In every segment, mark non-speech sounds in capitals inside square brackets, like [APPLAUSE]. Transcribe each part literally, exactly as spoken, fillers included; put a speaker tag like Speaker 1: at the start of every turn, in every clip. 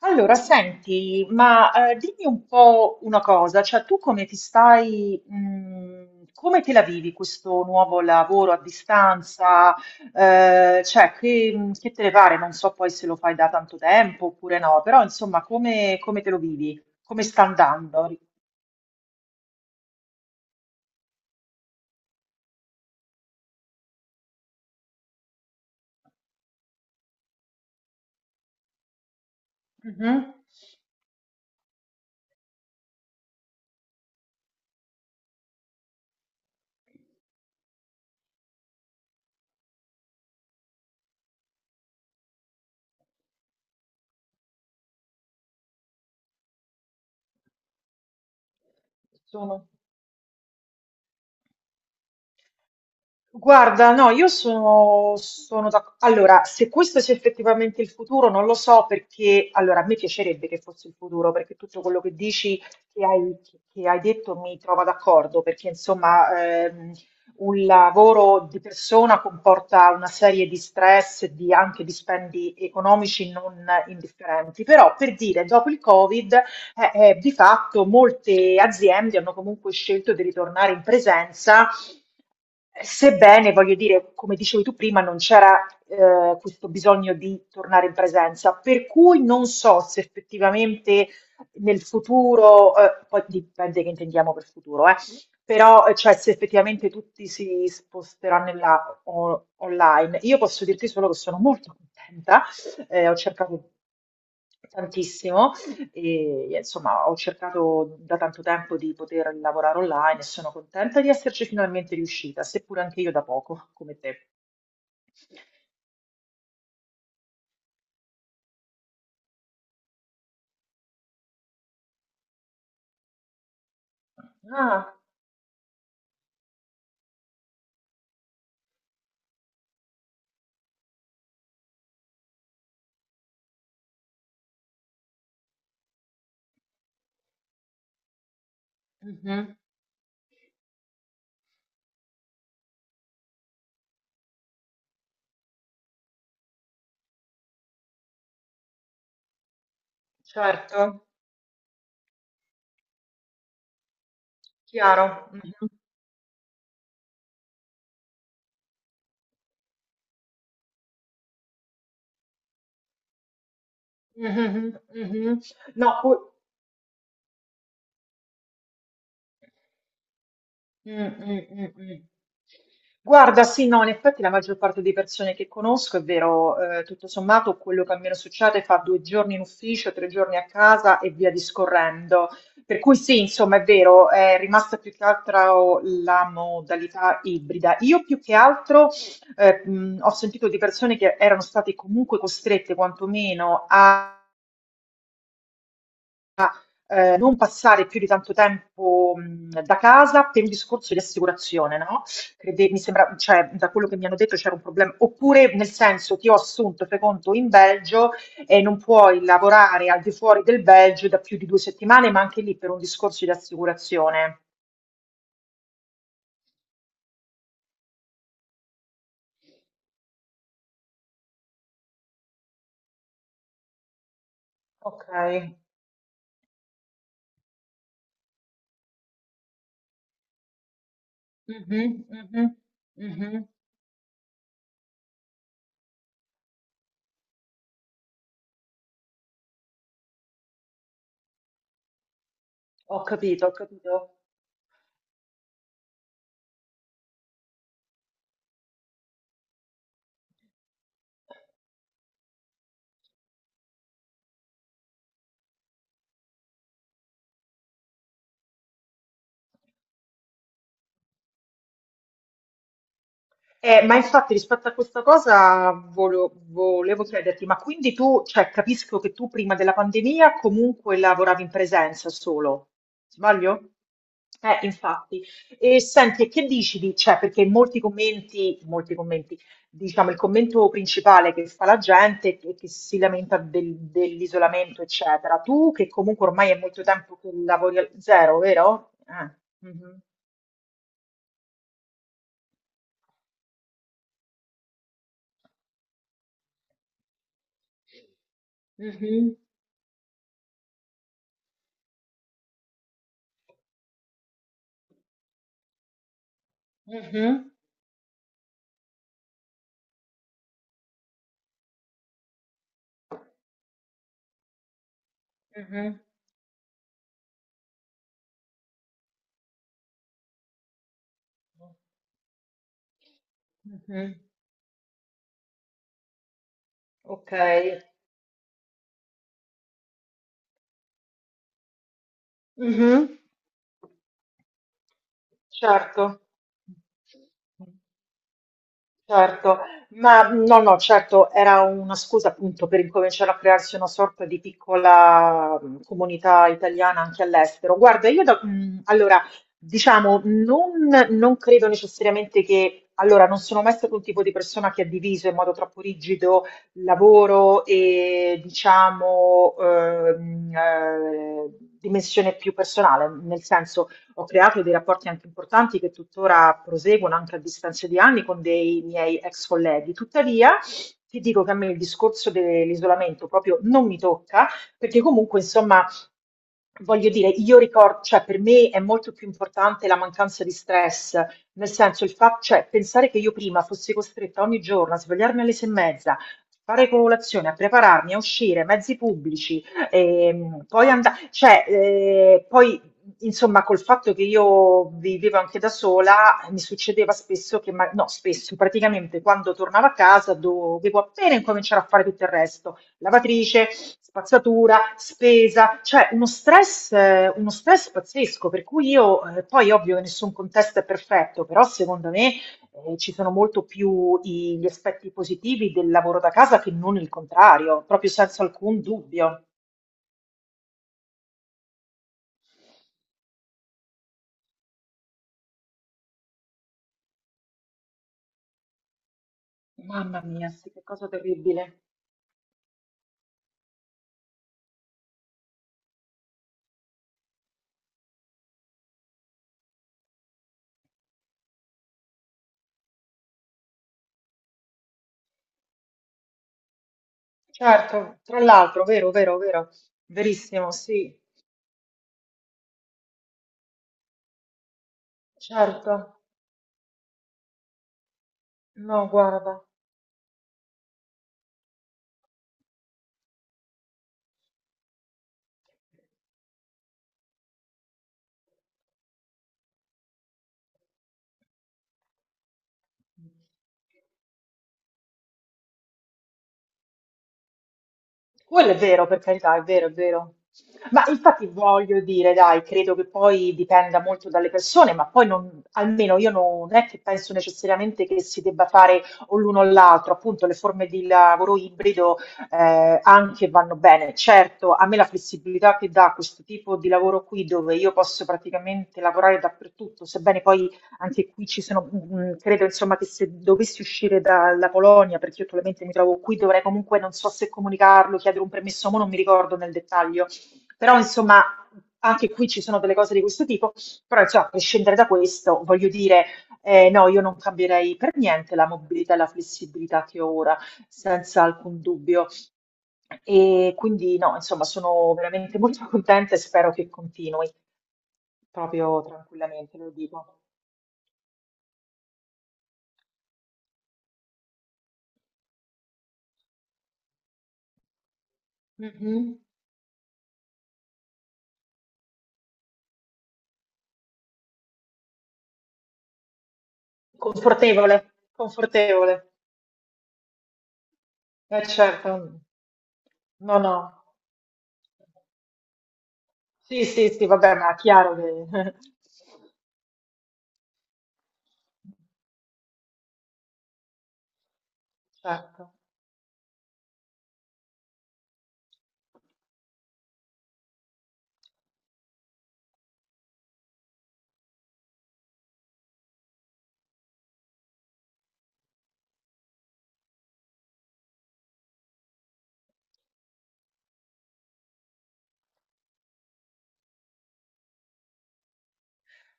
Speaker 1: Allora, senti, ma eh, dimmi un po' una cosa, cioè tu come ti stai, mh, come te la vivi questo nuovo lavoro a distanza? Eh, cioè, che, mh, che te ne pare? Non so poi se lo fai da tanto tempo oppure no, però insomma, come, come te lo vivi? Come sta andando? Mhm. Sono- Guarda, no, io sono, sono d'accordo. Allora, se questo sia effettivamente il futuro, non lo so perché, allora, a me piacerebbe che fosse il futuro, perché tutto quello che dici, che hai, che hai detto, mi trova d'accordo, perché insomma, ehm, un lavoro di persona comporta una serie di stress, e di anche di spendi economici non indifferenti, però per dire, dopo il Covid eh, eh, di fatto molte aziende hanno comunque scelto di ritornare in presenza, sebbene, voglio dire, come dicevi tu prima, non c'era eh, questo bisogno di tornare in presenza, per cui non so se effettivamente nel futuro, eh, poi dipende che intendiamo per futuro, eh, però eh, cioè, se effettivamente tutti si sposteranno in là, o- online, io posso dirti solo che sono molto contenta, eh, ho cercato tantissimo e insomma, ho cercato da tanto tempo di poter lavorare online e sono contenta di esserci finalmente riuscita, seppur anche io da poco, come te. Ah, mhm, certo, chiaro. Mhm. Mhm, mhm, mhm. No, poi. Mm, mm, mm, mm. Guarda, sì, no, in effetti la maggior parte di persone che conosco, è vero, eh, tutto sommato quello che a me non succede fa due giorni in ufficio, tre giorni a casa e via discorrendo. Per cui sì, insomma, è vero, è rimasta più che altro la modalità ibrida. Io più che altro eh, mh, ho sentito di persone che erano state comunque costrette quantomeno a ehm, non passare più di tanto tempo, mhmm, da casa per un discorso di assicurazione, no, crede mi sembra cioè, da quello che mi hanno detto c'era un problem oppure nel senso ti ho assunto, fai conto, in Belgio e non puoi lavorare al di fuori del Belgio da più di due settimane, ma anche lì per un discorso di assicurazione. Okay. Mh-mh, mh-mh, mh-mh. Ho capito, ho capito. Eh, ma infatti rispetto a questa cosa volo- volevo chiederti, ma quindi tu, cioè, capisco che tu prima della pandemia comunque lavoravi in presenza solo, sbaglio? Eh, infatti. E senti, e che dici di, cioè, perché molti commenti, molti commenti, diciamo, il commento principale che fa la gente è che, che si lamenta del- dell'isolamento, eccetera. Tu, che comunque ormai è molto tempo che lavori al zero, vero? Eh. Mhm, mhm, mhm, mhm. Mhm. Ok. Mhm. Certo. Certo, ma no, no, certo, era una scusa appunto per incominciare a crearsi una sorta di piccola mh, comunità italiana anche all'estero. Guarda, io da- mh, allora, diciamo, non, non credo necessariamente che, allora, non sono mai stato un tipo di persona che ha diviso in modo troppo rigido lavoro e, diciamo, ehm, eh, dimensione più personale, nel senso ho creato dei rapporti anche importanti che tuttora proseguono anche a distanza di anni con dei miei ex colleghi. Tuttavia, ti dico che a me il discorso dell'isolamento proprio non mi tocca, perché comunque, insomma, voglio dire, io ricordo, cioè per me è molto più importante la mancanza di stress, nel senso il fatto, cioè pensare che io prima fossi costretta ogni giorno a svegliarmi alle sei e mezza, fare colazione, a prepararmi, a uscire, mezzi pubblici, ehm, poi andare, cioè, eh, poi. Insomma, col fatto che io vivevo anche da sola, mi succedeva spesso che, ma- no, spesso, praticamente quando tornavo a casa dovevo appena incominciare a fare tutto il resto, lavatrice, spazzatura, spesa, cioè uno stress, eh, uno stress pazzesco, per cui io, eh, poi ovvio che nessun contesto è perfetto, però secondo me, eh, ci sono molto più i- gli aspetti positivi del lavoro da casa che non il contrario, proprio senza alcun dubbio. Mamma mia, sì, che cosa terribile. Certo, tra l'altro, vero, vero, vero, verissimo, sì, certo, no, guarda, quello è vero, per carità, è vero, è vero. Ma infatti voglio dire, dai, credo che poi dipenda molto dalle persone, ma poi non, almeno io non è che penso necessariamente che si debba fare o l'uno o l'altro, appunto le forme di lavoro ibrido eh, anche vanno bene. Certo, a me la flessibilità che dà questo tipo di lavoro qui, dove io posso praticamente lavorare dappertutto, sebbene poi. Anche qui ci sono, mhmm, credo insomma che se dovessi uscire dalla Polonia, perché io attualmente mi trovo qui, dovrei comunque, non so se comunicarlo, chiedere un permesso, mo non mi ricordo nel dettaglio. Però insomma, anche qui ci sono delle cose di questo tipo, però insomma, a prescindere da questo, voglio dire, ehm, no, io non cambierei per niente la mobilità e la flessibilità che ho ora, senza alcun dubbio. E quindi no, insomma, sono veramente molto contenta e spero che continui, proprio tranquillamente, lo dico. Mh-mh. Confortevole, confortevole, eh certo. No, no. Sì, sì, sì, vabbè, ma è chiaro che... [LAUGHS] Certo.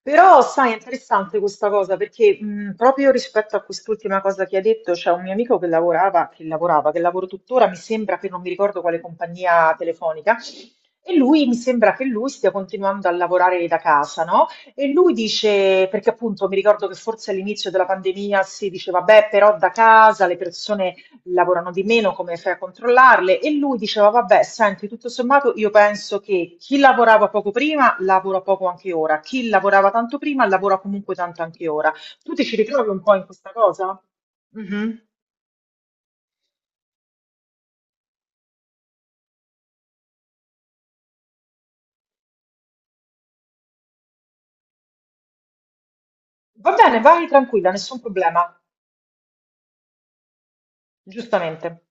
Speaker 1: Però, sai, è interessante questa cosa perché mh, proprio rispetto a quest'ultima cosa che hai detto, c'è un mio amico che lavorava, che lavorava, che lavora tuttora, mi sembra che non mi ricordo quale compagnia telefonica, e lui mi sembra che lui stia continuando a lavorare da casa, no? E lui dice, perché appunto mi ricordo che forse all'inizio della pandemia si diceva, beh, però da casa le persone lavorano di meno, come fai a controllarle? E lui diceva, vabbè, senti, tutto sommato io penso che chi lavorava poco prima lavora poco anche ora, chi lavorava tanto prima lavora comunque tanto anche ora. Tu ti ci ritrovi un po' in questa cosa? Mhm. Va bene, vai tranquilla, nessun problema, giustamente.